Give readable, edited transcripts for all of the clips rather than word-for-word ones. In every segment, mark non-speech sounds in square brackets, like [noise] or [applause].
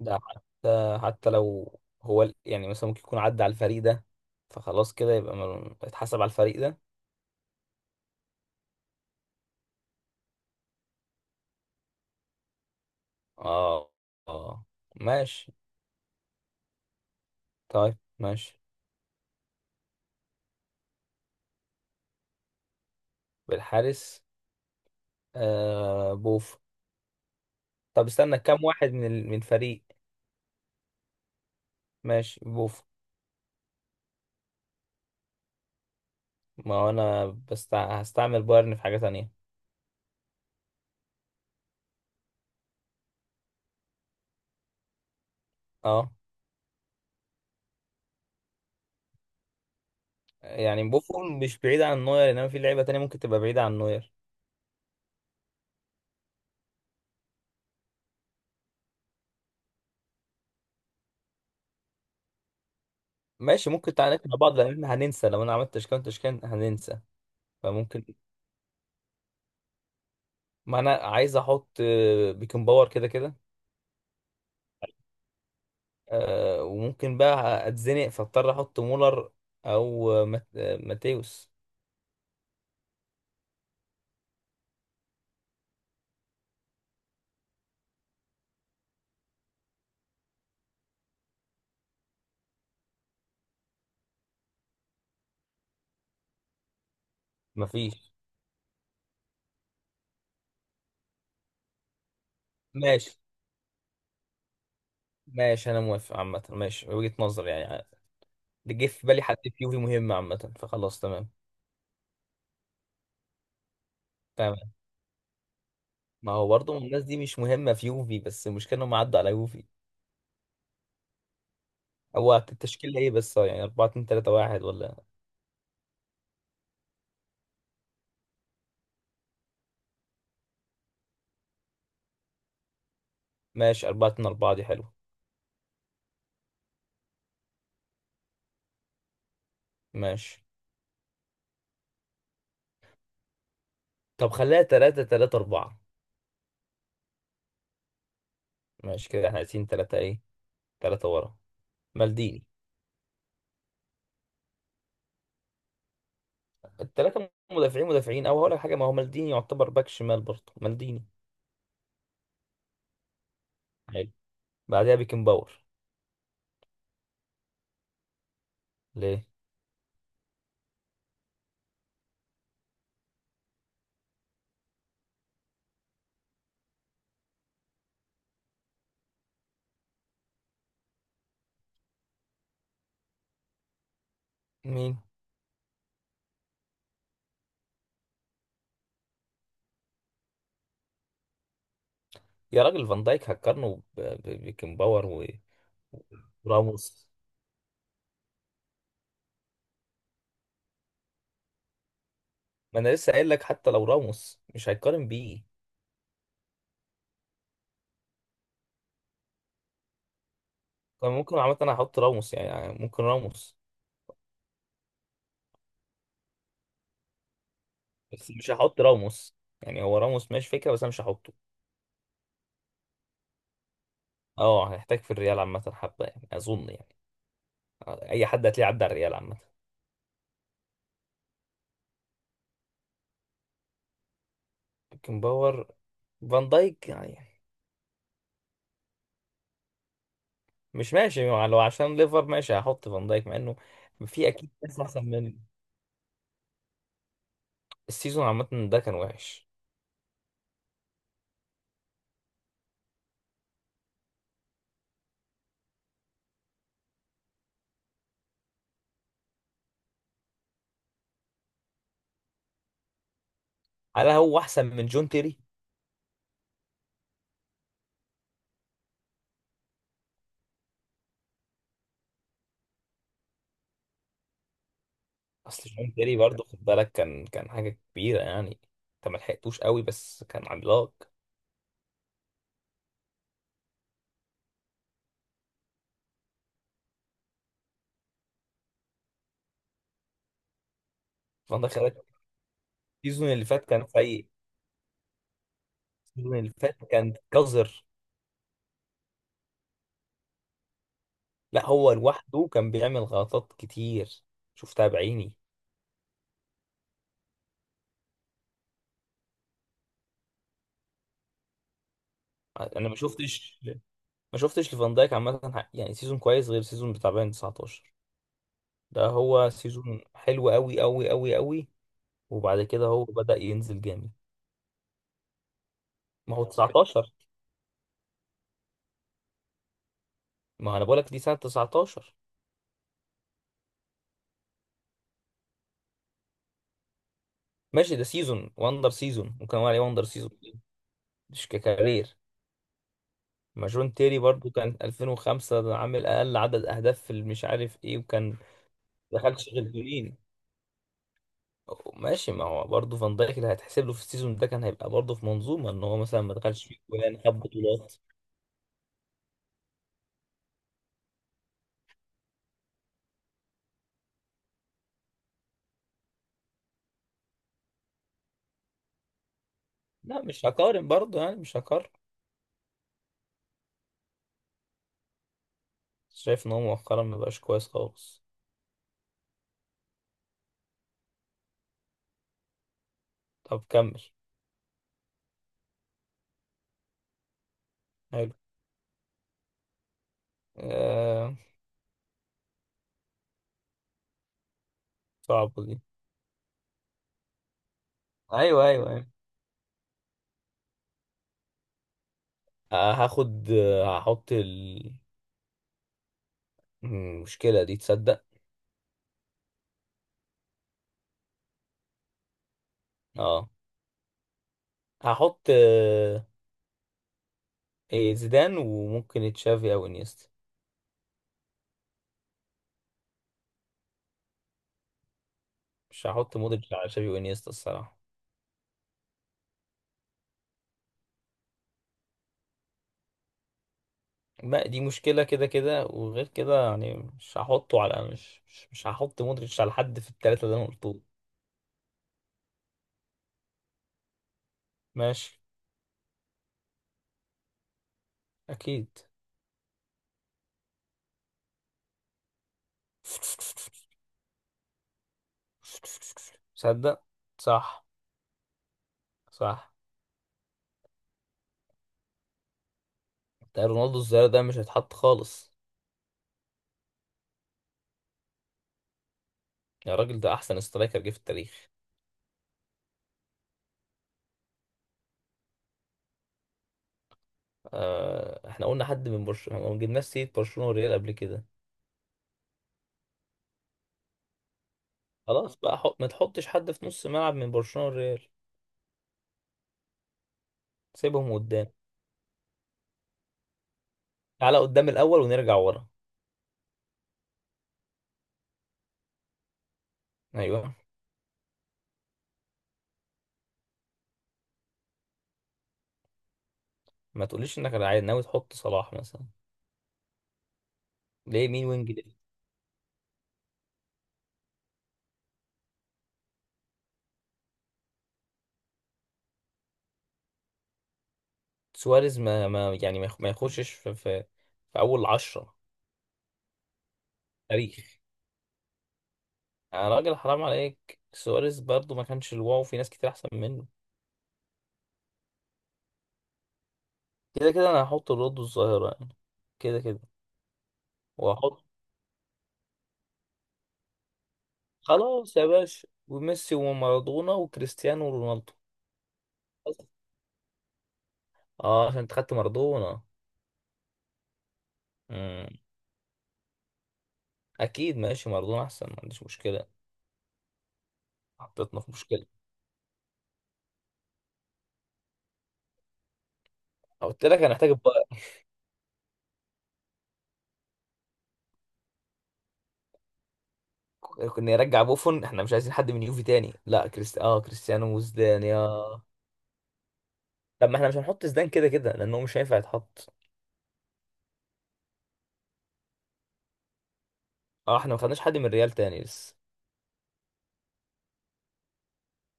ده حتى لو هو يعني مثلا ممكن يكون عدى على الفريق ده، فخلاص كده يبقى اتحسب على الفريق ده. اه. اه، ماشي. طيب ماشي. بالحارس. آه بوف. طب استنى كام واحد من من فريق. ماشي بوف. ما هو انا بس هستعمل بايرن في حاجة تانية. اه. يعني بوفون مش بعيد عن نوير، انما في لعيبة تانية ممكن تبقى بعيدة عن نوير. ماشي ممكن. تعالى نقنع بعض لان احنا هننسى، لو انا عملت تشكيلة هننسى. فممكن. ما انا عايز احط بيكن باور كده كده. وممكن بقى اتزنق فاضطر احط مولر. او ماتيوس. مفيش. ماشي. ماشي انا موافق عامه. ماشي وجهة نظر يعني، جه في بالي حد في يوفي مهم عامه، فخلاص تمام. تمام. ما هو برضه الناس دي مش مهمه في يوفي، بس المشكله انهم عدوا على يوفي. هو التشكيل ايه بس يعني 4 2 3 1 ولا؟ ماشي، 4 2 4 دي حلوه. ماشي. طب خليها 3 3 4. ماشي كده احنا عايزين 3 ايه. 3 ورا. مالديني. الثلاثه مدافعين مدافعين، او هقول لك حاجه، ما هو مالديني يعتبر باك شمال برضه مالديني. حلو. بعدها بيكن باور. ليه؟ مين؟ يا راجل، فان دايك هتقارنه بيكن باور وراموس. ما انا لسه قايل لك، حتى لو راموس مش هيتقارن بيه. كان ممكن عامه انا احط راموس، يعني يعني ممكن راموس. بس مش هحط راموس. يعني هو راموس ماشي فكره، بس انا مش هحطه. اه هيحتاج في الريال عامه حبه يعني، اظن يعني اي حد هتلاقيه عدى على الريال عامه. بيكن باور. فان دايك يعني. مش ماشي يعني، لو عشان ليفر ماشي هحط فان دايك مع انه في اكيد ناس احسن من. السيزون عامه ده كان وحش. هل هو احسن من جون تيري؟ اصل جون تيري برضه خد بالك كان حاجه كبيره يعني. انت ما لحقتوش قوي، بس كان عملاق. فان دايك خلي بالك، السيزون اللي فات كان سيء. السيزون اللي فات كان قذر. لا، هو لوحده كان بيعمل غلطات كتير، شفتها بعيني. انا ما شفتش. ما شفتش لفان دايك عامه، يعني سيزون كويس غير سيزون بتاع بايرن 19. ده هو سيزون حلو قوي قوي قوي قوي. وبعد كده هو بدأ ينزل جامد. ما هو 19. ما انا بقولك دي سنة 19. ماشي، ده سيزون وندر سيزون، ممكن اقول عليه وندر سيزون. مش ككارير. ما جون تيري برضو كان 2005 ده عامل اقل عدد اهداف في مش عارف ايه، وكان. ما دخلش غير جولين. ماشي، ما هو برضه فان دايك اللي هيتحسب له في السيزون ده كان هيبقى برضه في منظومه، ان هو مثلا ما دخلش في جولان خد بطولات. لا، مش هقارن برضه يعني، مش هقارن. شايف ان هو مؤخرا ما بقاش كويس خالص. طب كمل. حلو. آه... صعبة دي. ايوه ايوه ايوه. آه هاخد، هحط. المشكلة دي تصدق. اه هحط إيه، زيدان وممكن تشافي او انيستا. مش هحط مودريتش على تشافي وانيستا الصراحة. ما دي مشكلة كده كده، وغير كده يعني مش هحطه على مش هحط مودريتش على حد في التلاتة اللي انا قلتهم. ماشي. اكيد. [laughs] تصدق. صح. صح. ده رونالدو الظاهرة ده مش هيتحط خالص. يا راجل، ده أحسن سترايكر جه في التاريخ. آه، إحنا قلنا حد من برشلونة، ما جبناش سيرة برشلونة والريال قبل كده. خلاص بقى ما تحطش حد في نص ملعب من برشلونة والريال. سيبهم قدام. تعالى قدام الأول ونرجع ورا. أيوه. ما تقوليش إنك ناوي تحط صلاح مثلا. ليه؟ مين وينج ليه؟ سواريز ما, ما يعني ما يخشش في أول عشرة. تاريخ. يا راجل حرام عليك، سواريز برضو ما كانش الواو، في ناس كتير أحسن منه. كده كده أنا هحط رونالدو الظاهرة يعني كده كده. واحط. خلاص يا باشا، وميسي ومارادونا وكريستيانو ورونالدو. بس. اه، عشان انت خدت مارادونا. مم. اكيد ماشي، مارادونا احسن، ما عنديش مشكله. حطيتنا في مشكله. قلت لك هنحتاج بقى. كنا نرجع بوفون. احنا مش عايزين حد من يوفي تاني، لا كريستي اه كريستيانو وزدان يا. طب ما احنا مش هنحط زدان كده كده لانه مش هينفع يتحط. اه، احنا ما خدناش حد من ريال تاني لسه.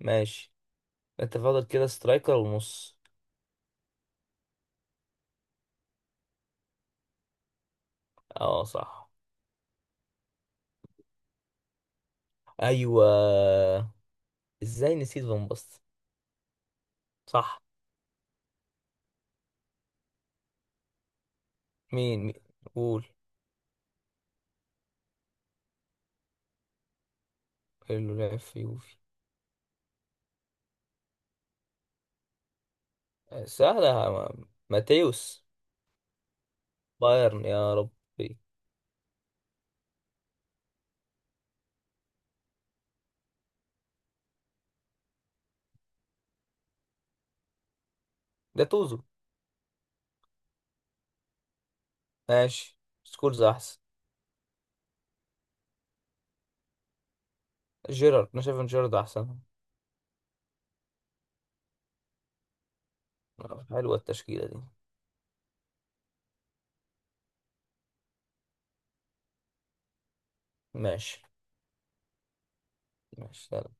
ماشي. انت فاضل كده سترايكر ونص. اه صح. ايوه. ازاي نسيت فان باستن. صح. مين مين؟ قول. اللي لعب في يوفي. سهلة يا عم. ماتيوس. بايرن يا ربي. جاتوزو. ماشي. سكولز أحسن. جيرارد، أنا شايف إن جيرارد أحسن. حلوة التشكيلة دي. ماشي. ماشي.